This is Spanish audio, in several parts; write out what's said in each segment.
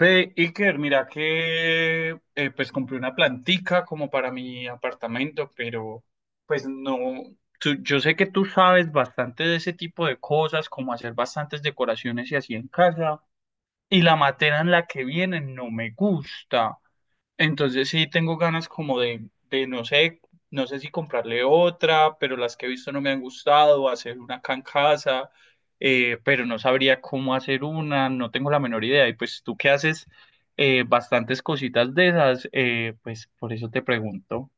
Ve, Iker, mira que pues compré una plantica como para mi apartamento, pero pues no, tú- yo sé que tú sabes bastante de ese tipo de cosas, como hacer bastantes decoraciones y así en casa, y la materia en la que vienen no me gusta. Entonces sí tengo ganas como no sé, no sé si comprarle otra, pero las que he visto no me han gustado, hacer una acá en casa, pero no sabría cómo hacer una, no tengo la menor idea. Y pues tú que haces bastantes cositas de esas, pues por eso te pregunto.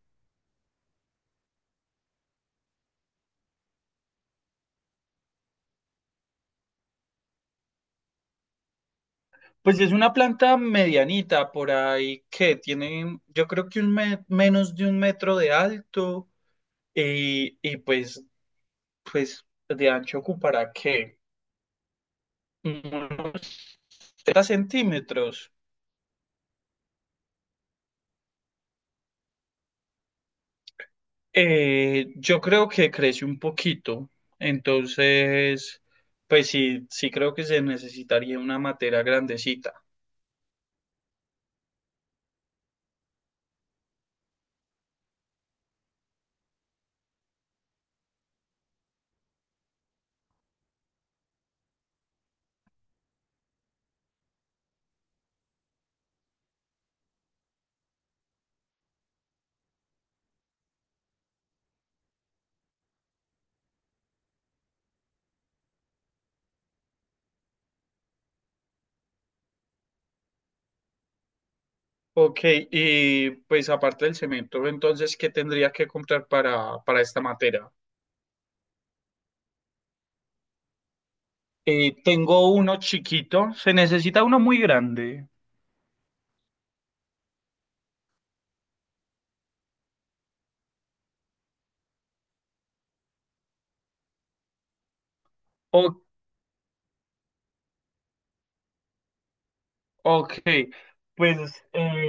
Pues es una planta medianita, por ahí que tiene, yo creo que menos de un metro de alto y pues, pues de ancho ocupará que 30 centímetros. Yo creo que crece un poquito, entonces, pues sí, sí creo que se necesitaría una materia grandecita. Ok, y pues aparte del cemento, entonces, ¿qué tendría que comprar para esta materia? Tengo uno chiquito, se necesita uno muy grande. Ok, ok, pues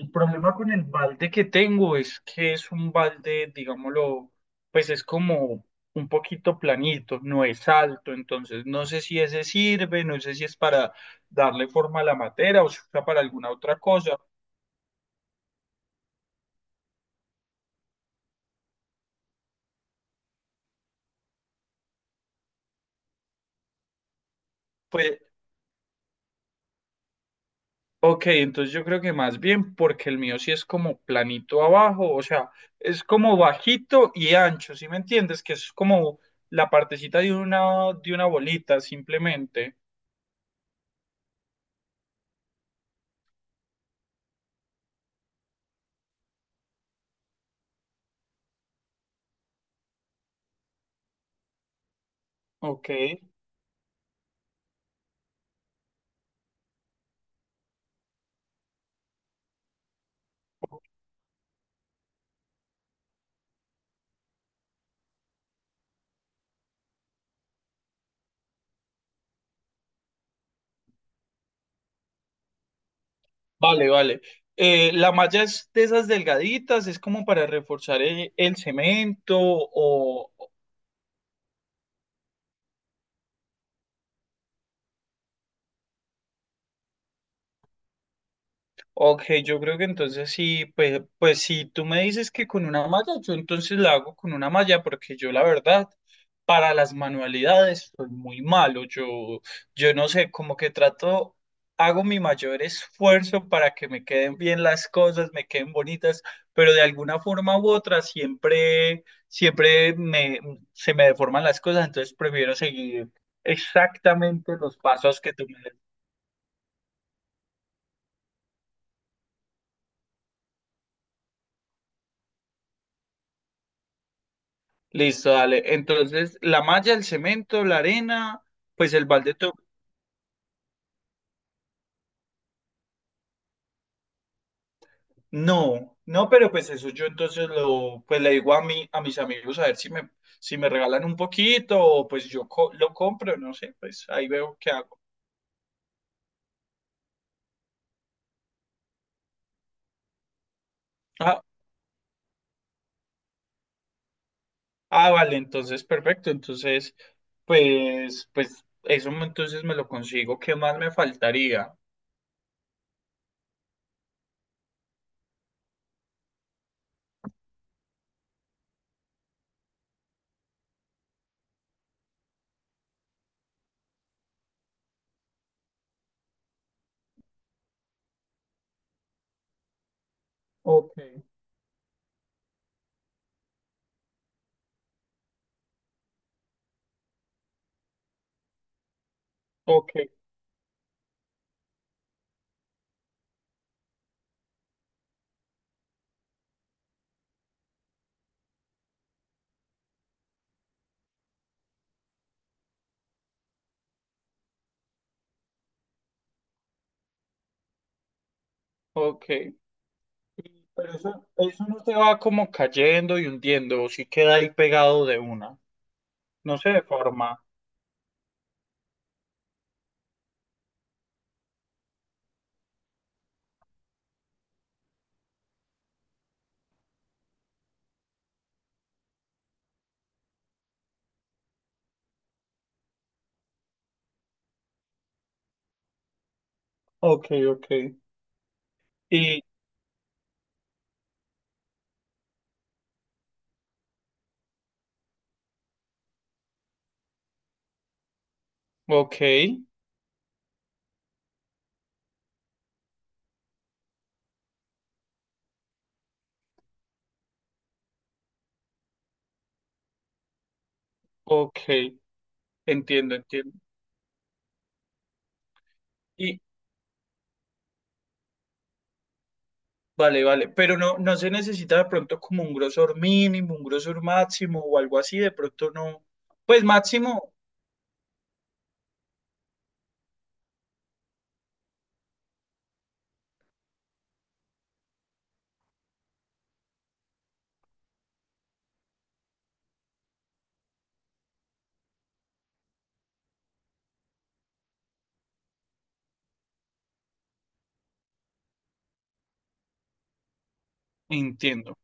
el problema con el balde que tengo es que es un balde, digámoslo, pues es como un poquito planito, no es alto, entonces no sé si ese sirve, no sé si es para darle forma a la materia o si usa para alguna otra cosa. Pues, ok, entonces yo creo que más bien porque el mío sí es como planito abajo, o sea, es como bajito y ancho, ¿sí me entiendes? Que es como la partecita de una bolita simplemente. Ok, vale, vale. ¿La malla es de esas delgaditas? ¿Es como para reforzar el cemento o... Ok, yo creo que entonces sí, pues, pues si tú me dices que con una malla, yo entonces la hago con una malla, porque yo la verdad, para las manualidades soy muy malo. Yo no sé, como que trato, hago mi mayor esfuerzo para que me queden bien las cosas, me queden bonitas, pero de alguna forma u otra se me deforman las cosas, entonces prefiero seguir exactamente los pasos que tú me... Listo, dale. Entonces, la malla, el cemento, la arena, pues el balde to-. No, no, pero pues eso yo entonces lo, pues le digo a mis amigos a ver si me, si me regalan un poquito o pues yo lo compro, no sé, pues ahí veo qué hago. Ah, ah, vale, entonces perfecto. Entonces, pues, pues eso me- entonces me lo consigo. ¿Qué más me faltaría? Ok, ok, ok. Y- pero eso no se va como cayendo y hundiendo, o sí queda ahí pegado de una. No se deforma. Ok, ok. Y, ok, ok. Entiendo, entiendo. Y, vale, vale. Pero no, no se necesita de pronto como un grosor mínimo, un grosor máximo o algo así. De pronto no. Pues máximo, entiendo.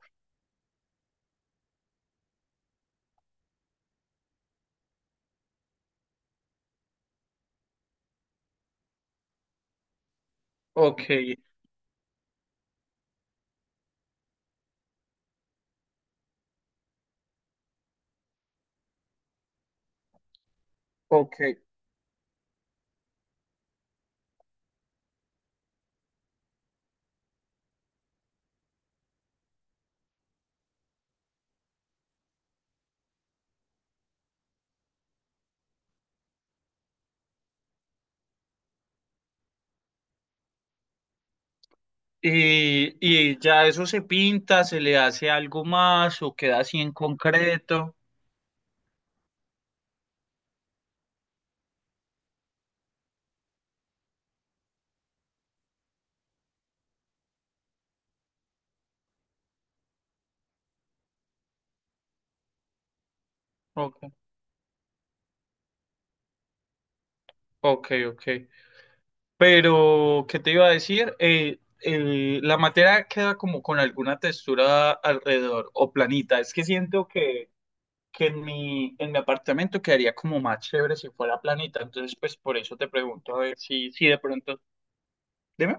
Ok, ok. Y ya eso se pinta, se le hace algo más o queda así en concreto. Ok, ok, ok. Pero, ¿qué te iba a decir? El- la materia queda como con alguna textura alrededor o planita. Es que siento que en mi apartamento quedaría como más chévere si fuera planita. Entonces, pues por eso te pregunto a ver si, si de pronto. Dime.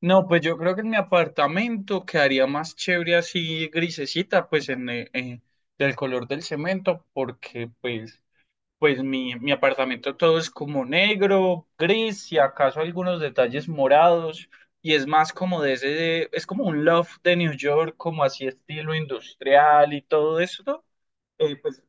No, pues yo creo que en mi apartamento quedaría más chévere así grisecita, pues en, del color del cemento, porque pues... Pues mi apartamento todo es como negro, gris, y acaso algunos detalles morados, y es más como de ese, es como un loft de New York, como así estilo industrial y todo eso. Eh, pues,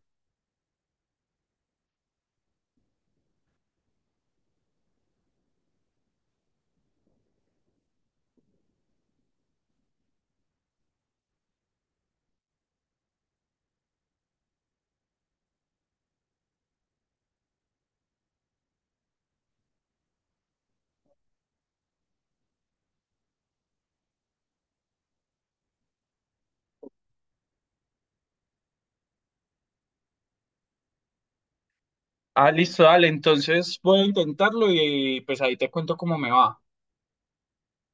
ah, listo, dale, entonces voy a intentarlo y pues ahí te cuento cómo me va.